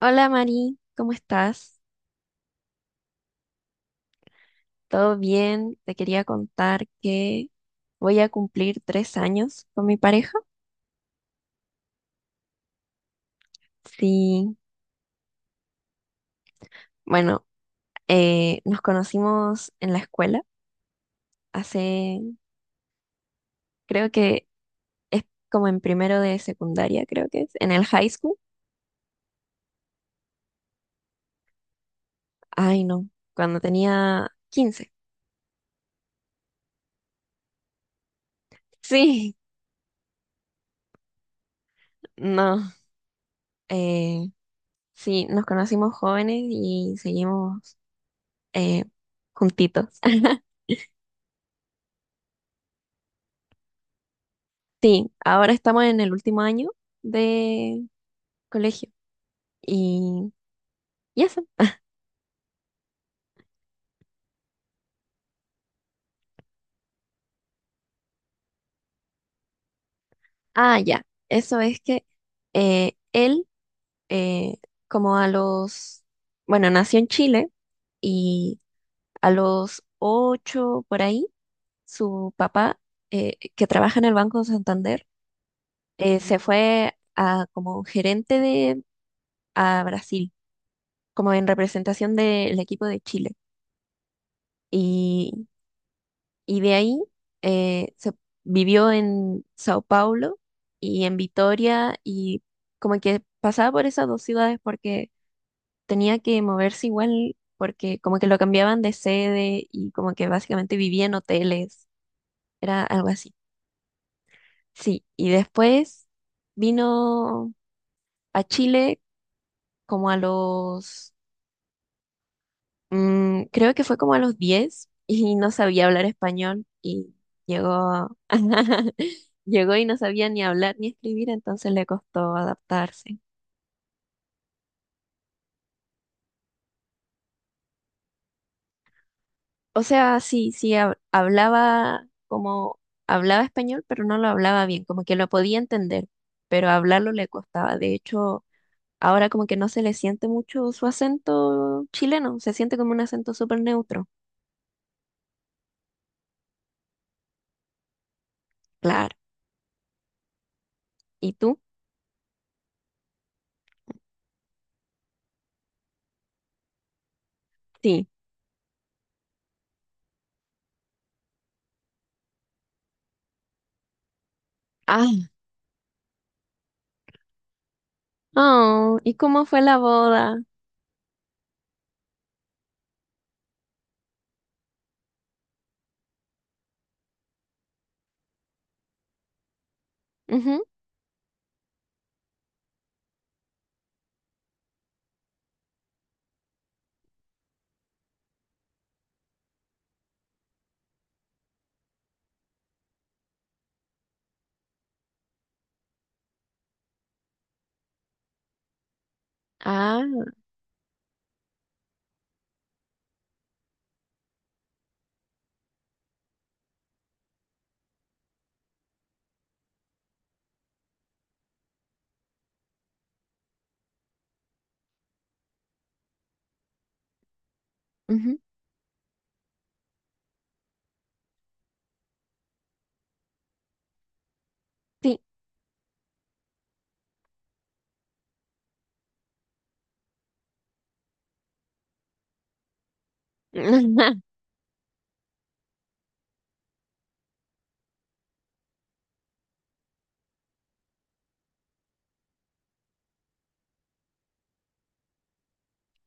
Hola Mari, ¿cómo estás? ¿Todo bien? Te quería contar que voy a cumplir 3 años con mi pareja. Sí, bueno, nos conocimos en la escuela hace, creo que es como en primero de secundaria, creo que es, en el high school. Ay, no, cuando tenía 15. Sí, no, eh, sí, nos conocimos jóvenes y seguimos eh, juntitos. Sí, ahora estamos en el último año de colegio y, y eso. Ah, ya. Eso es que él, eh, como a los, bueno, nació en Chile y a los 8 por ahí, su papá, que trabaja en el Banco Santander, se fue a, como gerente de, a Brasil, como en representación del equipo de Chile. Y de ahí se vivió en Sao Paulo y en Vitoria y como que pasaba por esas dos ciudades porque tenía que moverse igual porque como que lo cambiaban de sede y como que básicamente vivía en hoteles, era algo así. Sí, y después vino a Chile como a los Mm, creo que fue como a los 10 y no sabía hablar español y llegó, llegó y no sabía ni hablar ni escribir, entonces le costó adaptarse. O sea, sí, sí, hablaba como, hablaba español, pero no lo hablaba bien, como que lo podía entender, pero hablarlo le costaba. De hecho, ahora como que no se le siente mucho su acento chileno, se siente como un acento súper neutro. Claro. ¿Y tú? Sí. Ah. Oh, ¿y cómo fue la boda? Ah, ujú, sí.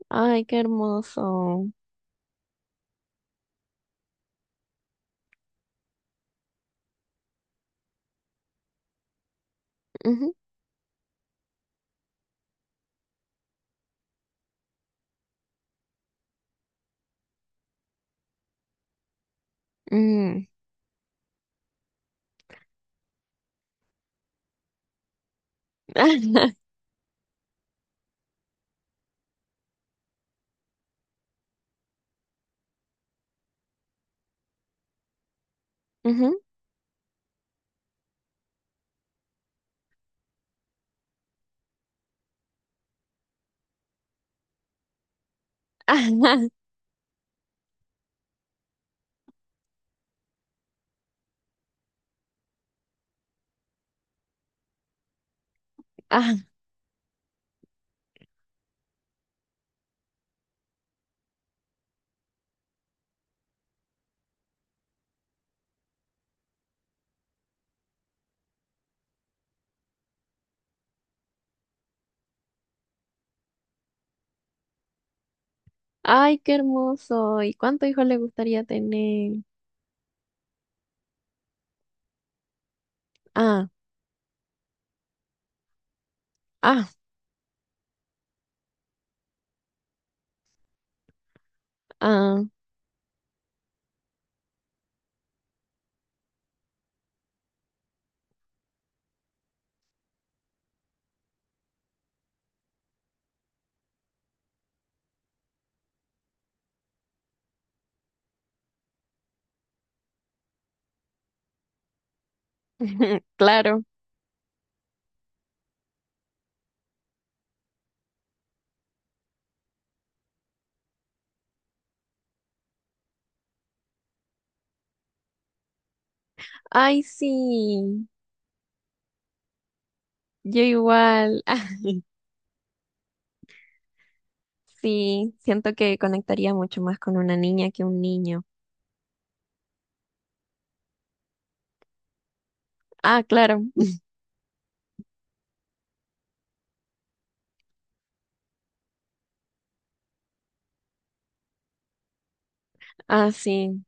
Ay, qué hermoso. Ujú, mm. Ujú, ajá, ah. Ay, qué hermoso. ¿Y cuánto hijos le gustaría tener? Ah, ah, ah. Claro. Ay, sí. Yo igual. Sí. Siento que conectaría mucho más con una niña que un niño. Ah, claro. Ah, sí.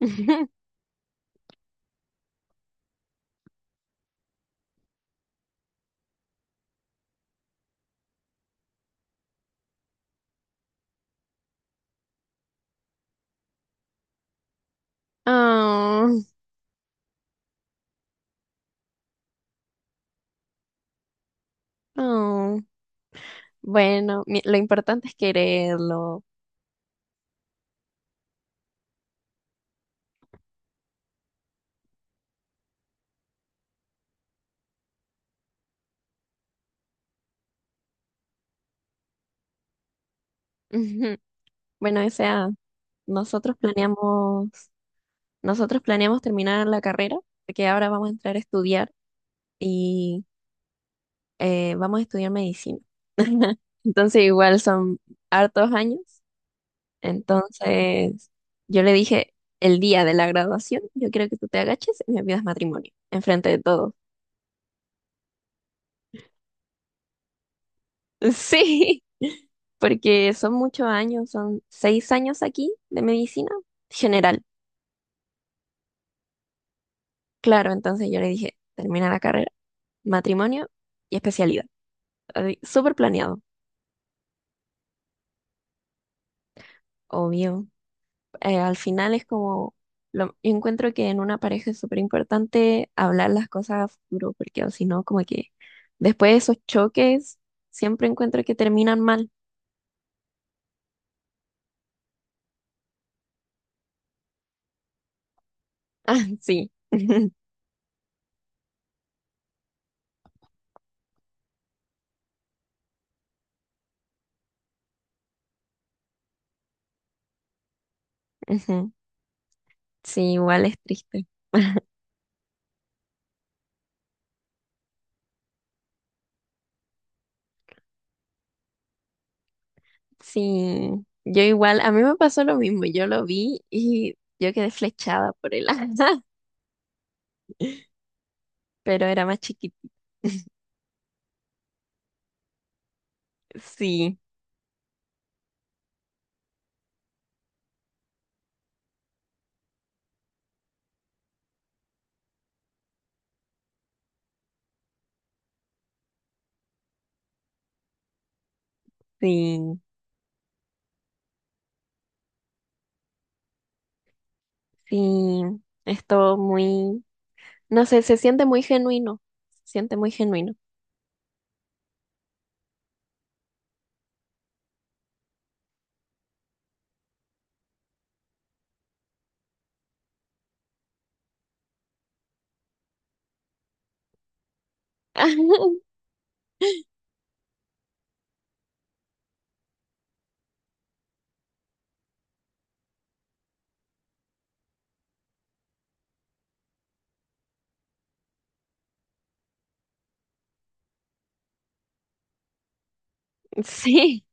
Oh, oh. Bueno, lo importante es quererlo. Ujú. Bueno, o sea, nosotros planeamos, nosotros planeamos terminar la carrera, porque ahora vamos a entrar a estudiar y vamos a estudiar medicina. Entonces, igual son hartos años. Entonces, yo le dije, el día de la graduación, yo quiero que tú te agaches y me pidas matrimonio, enfrente de todos. Sí, porque son muchos años, son 6 años aquí de medicina general. Claro, entonces yo le dije, termina la carrera, matrimonio y especialidad. Así, súper planeado, obvio. Al final es como, lo, yo encuentro que en una pareja es súper importante hablar las cosas a futuro, porque o si no, como que después de esos choques, siempre encuentro que terminan mal. Ah, sí. Ujú. Sí, igual es triste. Sí, yo igual, a mí me pasó lo mismo, yo lo vi y yo quedé flechada por él, pero era más chiquito. Sí, sí, sí. Es todo muy, no sé, se siente muy genuino. Se siente muy genuino. Sí,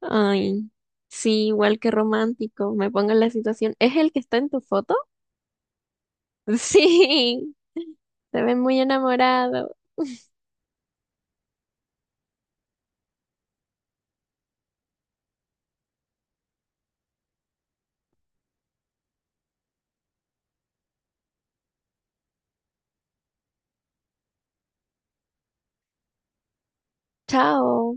ay, sí, igual que romántico. Me pongo en la situación. ¿Es el que está en tu foto? Sí, se ve muy enamorado. Chao.